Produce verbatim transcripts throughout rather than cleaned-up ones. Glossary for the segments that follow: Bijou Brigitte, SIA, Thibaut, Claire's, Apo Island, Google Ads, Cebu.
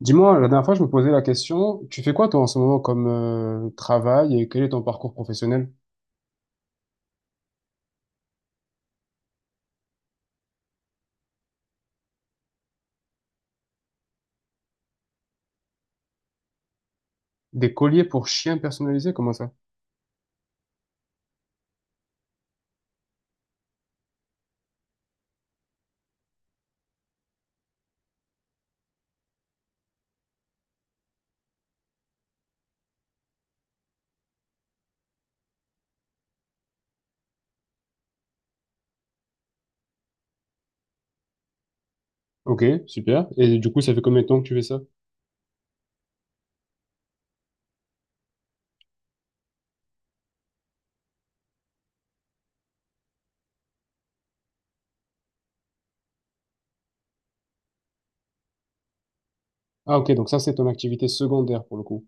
Dis-moi, la dernière fois, je me posais la question, tu fais quoi toi en ce moment comme euh, travail et quel est ton parcours professionnel? Des colliers pour chiens personnalisés, comment ça? Ok, super. Et du coup, ça fait combien de temps que tu fais ça? Ah ok, donc ça, c'est ton activité secondaire pour le coup.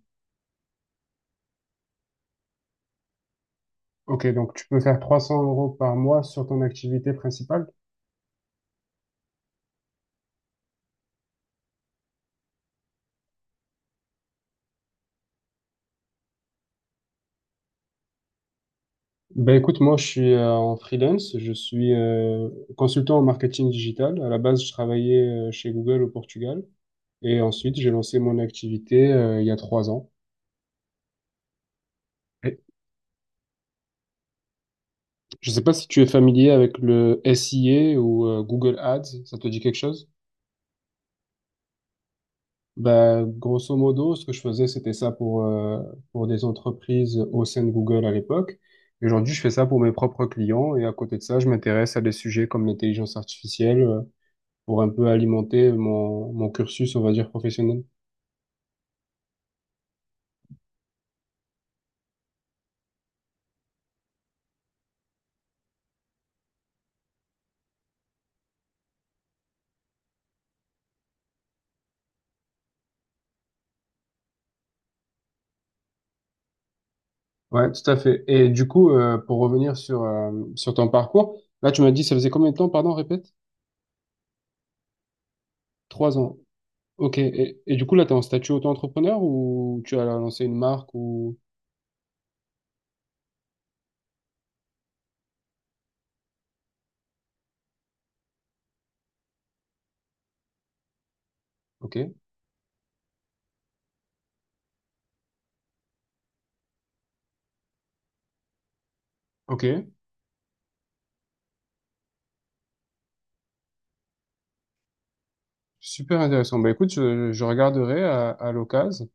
Ok, donc tu peux faire trois cents euros par mois sur ton activité principale? Ben écoute, moi, je suis euh, en freelance, je suis euh, consultant en marketing digital. À la base, je travaillais euh, chez Google au Portugal et ensuite, j'ai lancé mon activité euh, il y a trois ans. Je ne sais pas si tu es familier avec le S I A ou euh, Google Ads, ça te dit quelque chose? Ben, grosso modo, ce que je faisais, c'était ça pour, euh, pour des entreprises au sein de Google à l'époque. Et aujourd'hui, je fais ça pour mes propres clients et à côté de ça, je m'intéresse à des sujets comme l'intelligence artificielle euh, pour un peu alimenter mon, mon cursus, on va dire, professionnel. Ouais, tout à fait. Et du coup, euh, pour revenir sur, euh, sur ton parcours, là, tu m'as dit, ça faisait combien de temps, pardon, répète? Trois ans. Ok, et, et du coup, là, tu es en statut auto-entrepreneur ou tu as lancé une marque ou... Ok, ok, super intéressant. Bah écoute, je, je regarderai à, à l'occasion.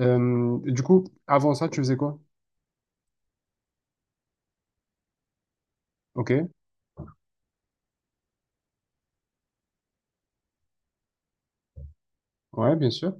Euh, du coup, avant ça, tu faisais quoi? Ok, ouais, bien sûr.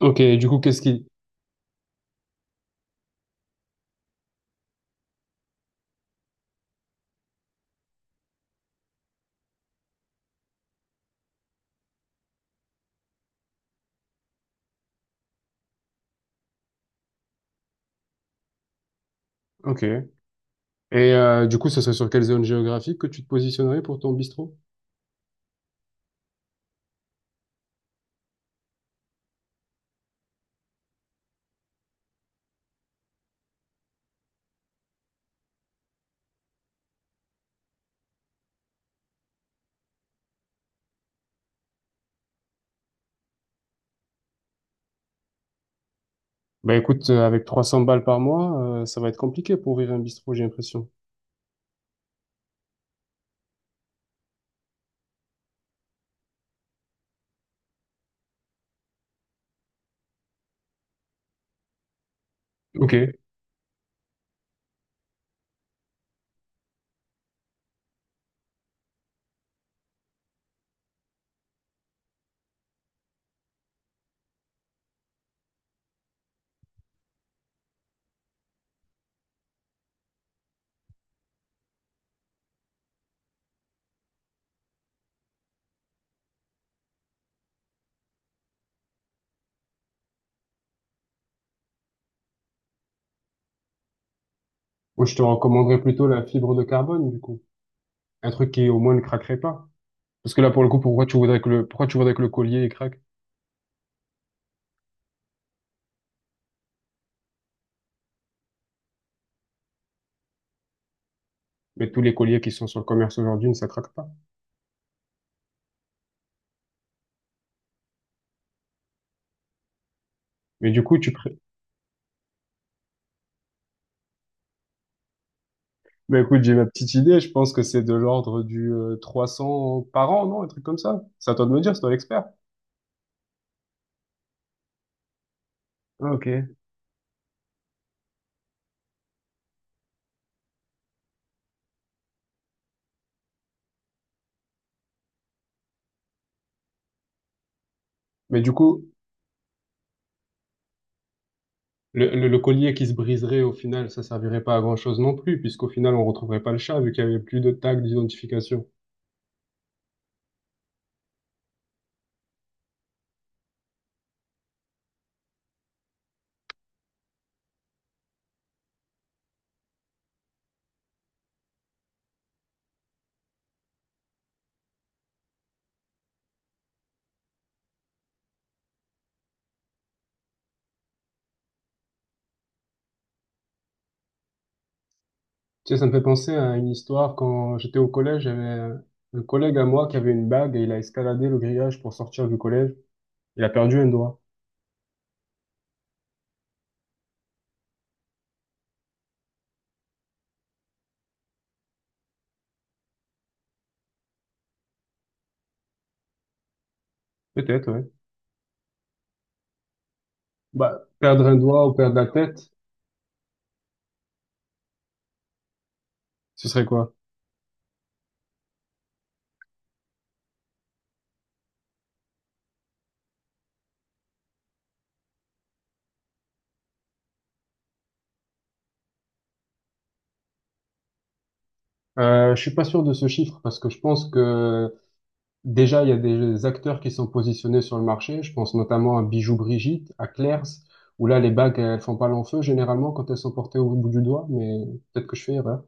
Ok, du coup, qu'est-ce qui... Ok. Et euh, du coup, ce serait sur quelle zone géographique que tu te positionnerais pour ton bistrot? Bah écoute, euh, avec trois cents balles par mois, euh, ça va être compliqué pour ouvrir un bistrot, j'ai l'impression. Ok. Moi, je te recommanderais plutôt la fibre de carbone, du coup. Un truc qui, au moins, ne craquerait pas. Parce que là, pour le coup, pourquoi tu voudrais que le, pourquoi tu voudrais que le collier, il craque? Mais tous les colliers qui sont sur le commerce aujourd'hui, ne ça craque pas. Mais du coup, tu pré... Mais écoute, j'ai ma petite idée. Je pense que c'est de l'ordre du euh, trois cents par an, non? Un truc comme ça. C'est à toi de me dire, c'est toi l'expert. Ah, ok. Mais du coup, le, le, le collier qui se briserait, au final, ça servirait pas à grand-chose non plus, puisqu'au final, on retrouverait pas le chat, vu qu'il y avait plus de tag d'identification. Tu sais, ça me fait penser à une histoire. Quand j'étais au collège, j'avais un collègue à moi qui avait une bague et il a escaladé le grillage pour sortir du collège. Il a perdu un doigt. Peut-être, ouais. Bah, perdre un doigt ou perdre la tête, ce serait quoi? Euh, je suis pas sûr de ce chiffre parce que je pense que déjà il y a des acteurs qui sont positionnés sur le marché. Je pense notamment à Bijou Brigitte, à Claire's, où là les bagues elles font pas long feu généralement quand elles sont portées au bout du doigt, mais peut-être que je fais erreur.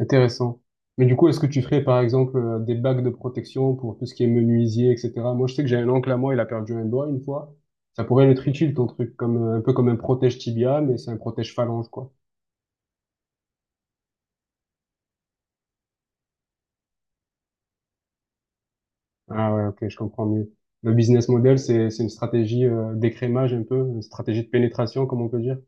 Intéressant. Mais du coup, est-ce que tu ferais par exemple euh, des bagues de protection pour tout ce qui est menuisier, et cetera. Moi, je sais que j'ai un oncle à moi, il a perdu un doigt une fois. Ça pourrait être utile ton truc, comme euh, un peu comme un protège tibia, mais c'est un protège phalange, quoi. Ah ouais, ok, je comprends mieux. Le business model, c'est c'est une stratégie euh, d'écrémage un peu, une stratégie de pénétration, comme on peut dire.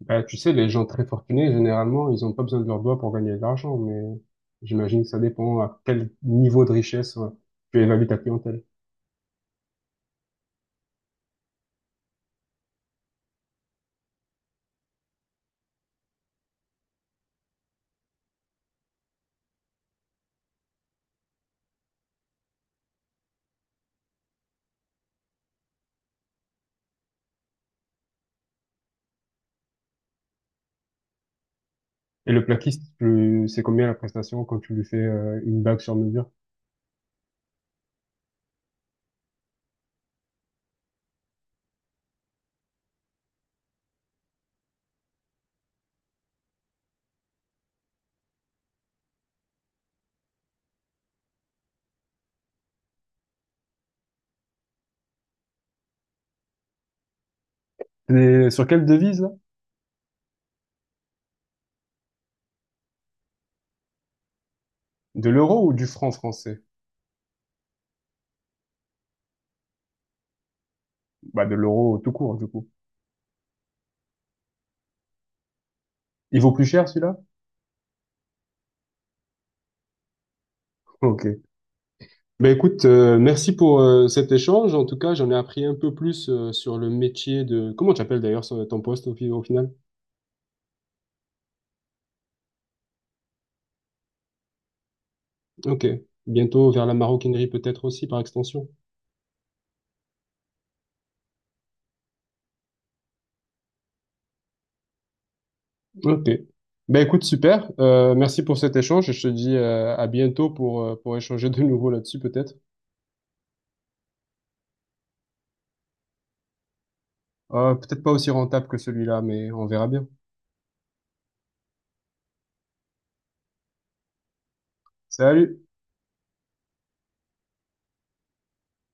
Bah, tu sais, les gens très fortunés, généralement, ils ont pas besoin de leurs doigts pour gagner de l'argent, mais j'imagine que ça dépend à quel niveau de richesse euh, tu évalues ta clientèle. Et le plaquiste, tu- c'est combien la prestation quand tu lui fais euh, une bague sur mesure? Et sur quelle devise, là? De l'euro ou du franc français? Bah, de l'euro tout court, du coup. Il vaut plus cher, celui-là? Ok. Ben écoute, euh, merci pour euh, cet échange. En tout cas, j'en ai appris un peu plus euh, sur le métier de... Comment tu appelles d'ailleurs son- ton poste au, fi- au final? Ok. Bientôt vers la maroquinerie peut-être aussi par extension. Ok. Ben écoute, super. Euh, merci pour cet échange. Et je te dis euh, à bientôt pour, euh, pour échanger de nouveau là-dessus peut-être. Euh, peut-être pas aussi rentable que celui-là, mais on verra bien. Salut!